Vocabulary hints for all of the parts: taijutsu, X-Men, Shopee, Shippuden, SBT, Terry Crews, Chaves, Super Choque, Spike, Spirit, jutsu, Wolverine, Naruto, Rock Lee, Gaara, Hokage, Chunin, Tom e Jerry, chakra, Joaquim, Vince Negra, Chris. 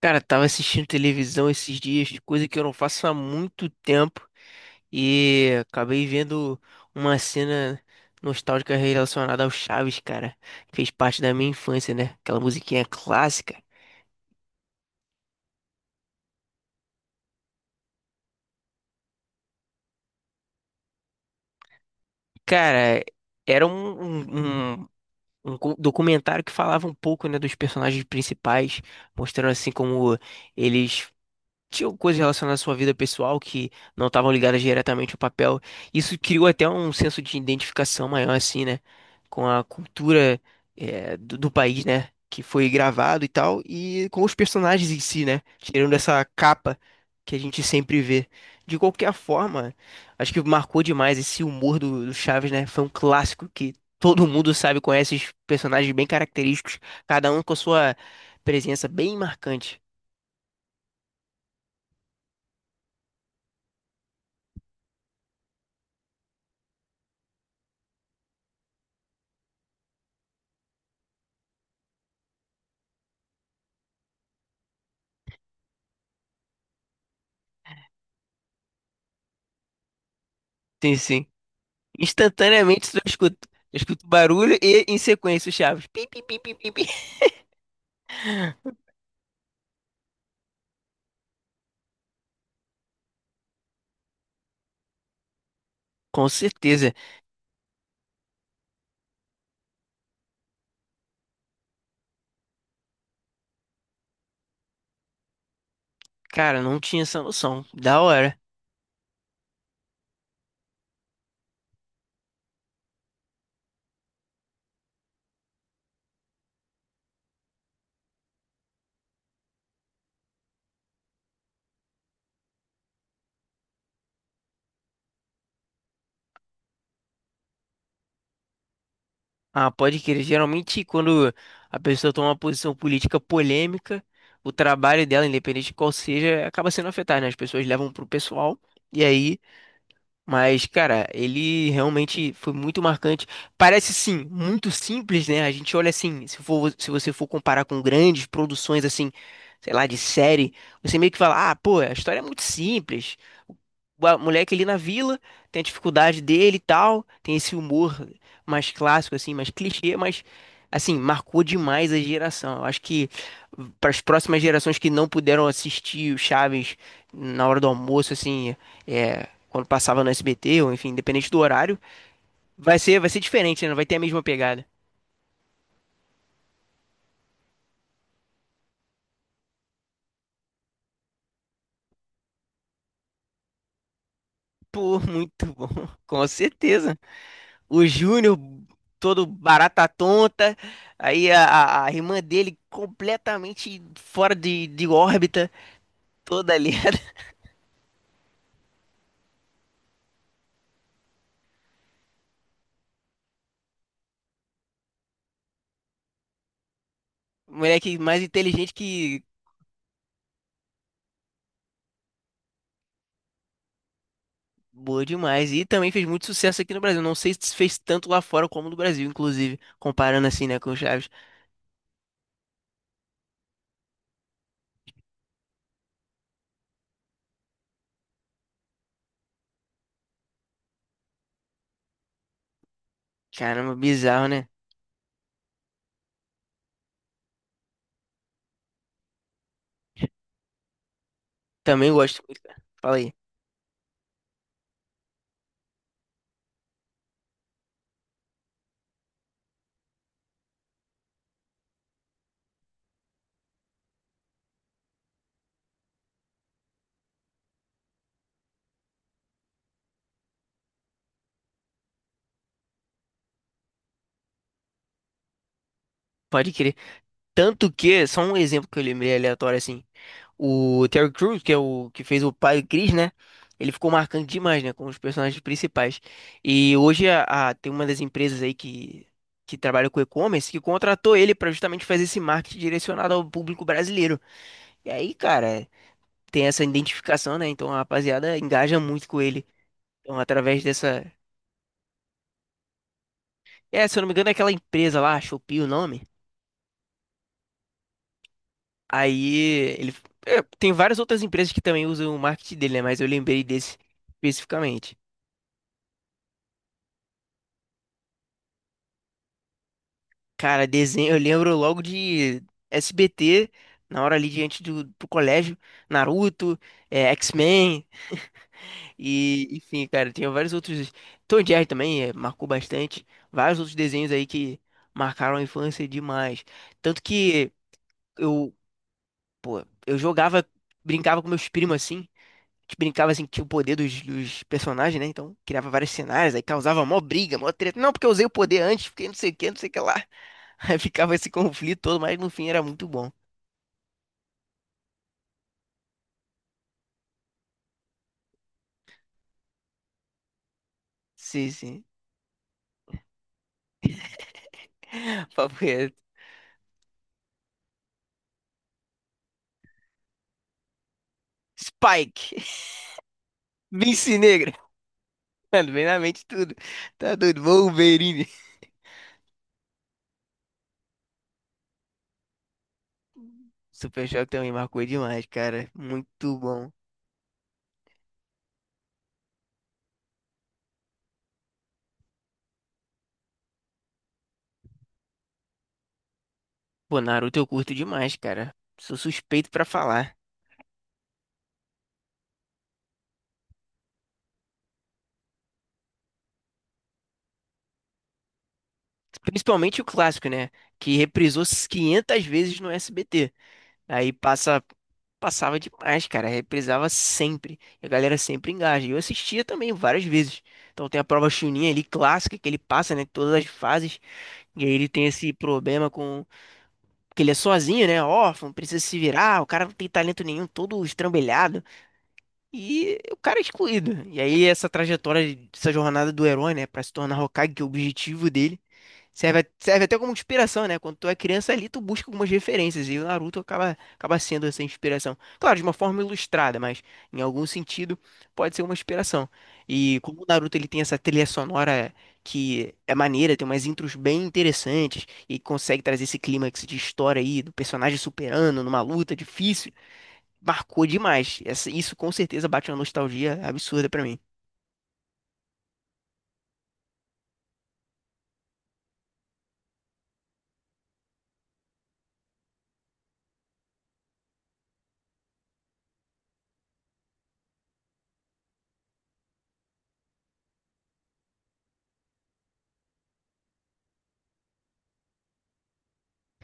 Cara, tava assistindo televisão esses dias, coisa que eu não faço há muito tempo, e acabei vendo uma cena nostálgica relacionada ao Chaves, cara. Fez parte da minha infância, né? Aquela musiquinha clássica. Cara, era documentário que falava um pouco, né, dos personagens principais, mostrando assim como eles tinha coisas relacionadas à sua vida pessoal que não estavam ligadas diretamente ao papel. Isso criou até um senso de identificação maior, assim, né? Com a cultura, do país, né? Que foi gravado e tal, e com os personagens em si, né? Tirando essa capa que a gente sempre vê. De qualquer forma, acho que marcou demais esse humor do Chaves, né? Foi um clássico que todo mundo sabe, conhece os personagens bem característicos, cada um com a sua presença bem marcante. Sim, sim. Instantaneamente eu escuto barulho e em sequência o Chaves. Pi, pi, pi, pi, pi, pi. Com certeza. Cara, não tinha essa noção. Da hora. Ah, pode crer. Geralmente, quando a pessoa toma uma posição política polêmica, o trabalho dela, independente de qual seja, acaba sendo afetado, né? As pessoas levam pro pessoal e aí. Mas, cara, ele realmente foi muito marcante. Parece, sim, muito simples, né? A gente olha assim, se você for comparar com grandes produções, assim, sei lá, de série, você meio que fala, ah, pô, a história é muito simples. O moleque ali na vila tem a dificuldade dele e tal, tem esse humor mais clássico, assim, mais clichê, mas, assim, marcou demais a geração. Eu acho que para as próximas gerações que não puderam assistir o Chaves na hora do almoço, assim. É, quando passava no SBT, ou enfim, independente do horário, vai ser diferente, né? Não vai ter a mesma pegada. Pô, muito bom, com certeza. O Júnior, todo barata tonta, aí a irmã dele completamente fora de órbita, toda ali. Moleque mais inteligente que. Boa demais. E também fez muito sucesso aqui no Brasil. Não sei se fez tanto lá fora como no Brasil, inclusive. Comparando assim, né, com o Chaves. Caramba, bizarro, né? Também gosto muito, cara. Fala aí. Pode crer. Tanto que, só um exemplo que eu lembrei aleatório assim. O Terry Crews, que é o que fez o pai do Chris, né? Ele ficou marcante demais, né? Como um dos personagens principais. E hoje tem uma das empresas aí que trabalha com e-commerce que contratou ele para justamente fazer esse marketing direcionado ao público brasileiro. E aí, cara, tem essa identificação, né? Então a rapaziada engaja muito com ele. Então, através dessa. É, se eu não me engano, é aquela empresa lá, Shopee, o nome. Aí ele é, tem várias outras empresas que também usam o marketing dele, né? Mas eu lembrei desse especificamente. Cara, desenho, eu lembro logo de SBT, na hora ali diante do pro colégio, Naruto, é, X-Men e enfim, cara, tinha vários outros. Tom e Jerry também é, marcou bastante, vários outros desenhos aí que marcaram a infância demais. Tanto que eu eu jogava, brincava com meus primos assim. A gente brincava assim, que tinha o poder dos personagens, né? Então criava vários cenários, aí causava mó briga, mó treta. Não, porque eu usei o poder antes, porque não sei o que, não sei o que lá. Aí ficava esse conflito todo, mas no fim era muito bom. Sim, sim. Papo reto. Spike, Vince Negra. Mano, vem na mente tudo. Tá doido, Wolverine. Super Choque também marcou demais, cara. Muito bom. Pô, Naruto eu curto demais, cara. Sou suspeito pra falar. Principalmente o clássico, né? Que reprisou 500 vezes no SBT. Aí passa, passava demais, cara. Reprisava sempre. E a galera sempre engaja. E eu assistia também várias vezes. Então tem a prova Chunin ali, clássica, que ele passa, né? Todas as fases. E aí ele tem esse problema com. Porque ele é sozinho, né? Órfão, precisa se virar. O cara não tem talento nenhum, todo estrambelhado. E o cara é excluído. E aí essa trajetória, essa jornada do herói, né? Pra se tornar Hokage, que é o objetivo dele. Serve, serve até como inspiração, né? Quando tu é criança ali, tu busca algumas referências e o Naruto acaba sendo essa inspiração. Claro, de uma forma ilustrada, mas em algum sentido pode ser uma inspiração. E como o Naruto ele tem essa trilha sonora que é maneira, tem umas intros bem interessantes e consegue trazer esse clímax de história aí do personagem superando numa luta difícil, marcou demais. Isso com certeza bate uma nostalgia absurda pra mim.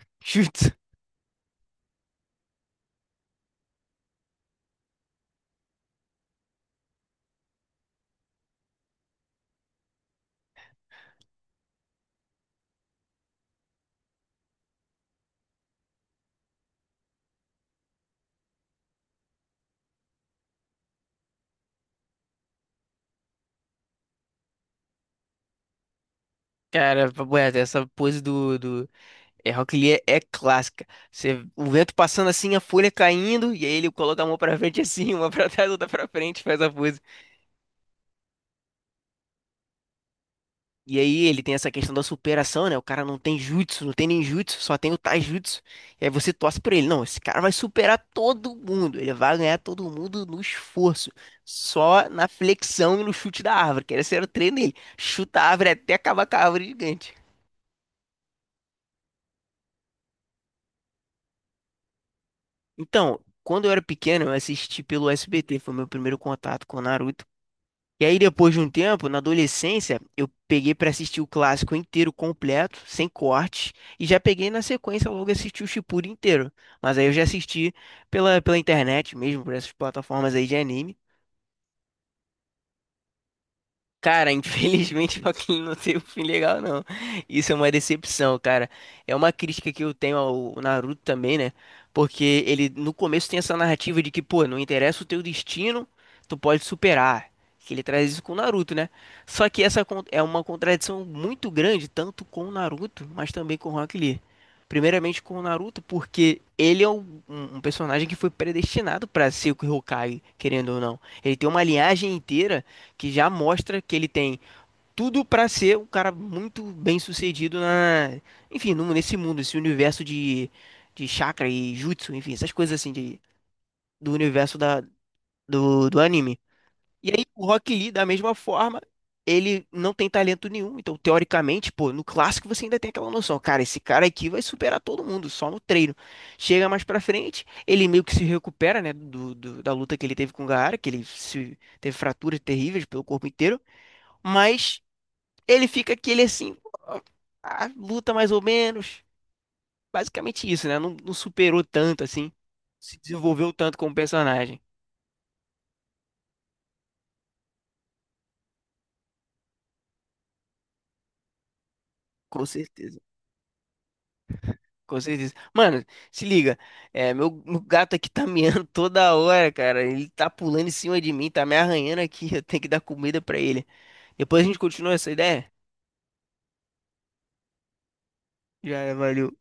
Chutz. Cara, papo reto, essa pose do. É, Rock Lee é, é clássica. Você, o vento passando assim, a folha caindo, e aí ele coloca a mão pra frente assim, uma pra trás, outra pra frente, faz a pose. E aí ele tem essa questão da superação, né? O cara não tem jutsu, não tem nem jutsu, só tem o taijutsu. E aí você torce pra ele. Não, esse cara vai superar todo mundo. Ele vai ganhar todo mundo no esforço. Só na flexão e no chute da árvore, que esse era o treino dele. Chuta a árvore até acabar com a árvore gigante. Então, quando eu era pequeno, eu assisti pelo SBT, foi meu primeiro contato com Naruto. E aí, depois de um tempo, na adolescência, eu peguei pra assistir o clássico inteiro completo, sem corte, e já peguei na sequência logo assisti o Shippuden inteiro. Mas aí eu já assisti pela internet mesmo, por essas plataformas aí de anime. Cara, infelizmente Joaquim não teve um fim legal, não. Isso é uma decepção, cara. É uma crítica que eu tenho ao Naruto também, né? Porque ele no começo tem essa narrativa de que, pô, não interessa o teu destino, tu pode superar. Que ele traz isso com o Naruto, né? Só que essa é uma contradição muito grande, tanto com o Naruto, mas também com o Rock Lee. Primeiramente com o Naruto, porque ele é um personagem que foi predestinado pra ser o Hokage, querendo ou não. Ele tem uma linhagem inteira que já mostra que ele tem tudo para ser um cara muito bem sucedido na, enfim, nesse mundo, esse universo de chakra e jutsu, enfim, essas coisas assim de, do universo do anime. E aí o Rock Lee, da mesma forma, ele não tem talento nenhum, então teoricamente, pô, no clássico você ainda tem aquela noção, cara, esse cara aqui vai superar todo mundo, só no treino. Chega mais pra frente, ele meio que se recupera, né, da luta que ele teve com o Gaara, que ele se, teve fraturas terríveis pelo corpo inteiro, mas ele fica aquele assim, ah, luta mais ou menos. Basicamente isso, né? Não, não superou tanto assim. Se desenvolveu tanto como personagem. Com certeza. Com certeza. Mano, se liga. É, meu gato aqui tá miando toda hora, cara. Ele tá pulando em cima de mim, tá me arranhando aqui. Eu tenho que dar comida pra ele. Depois a gente continua essa ideia? Já, valeu.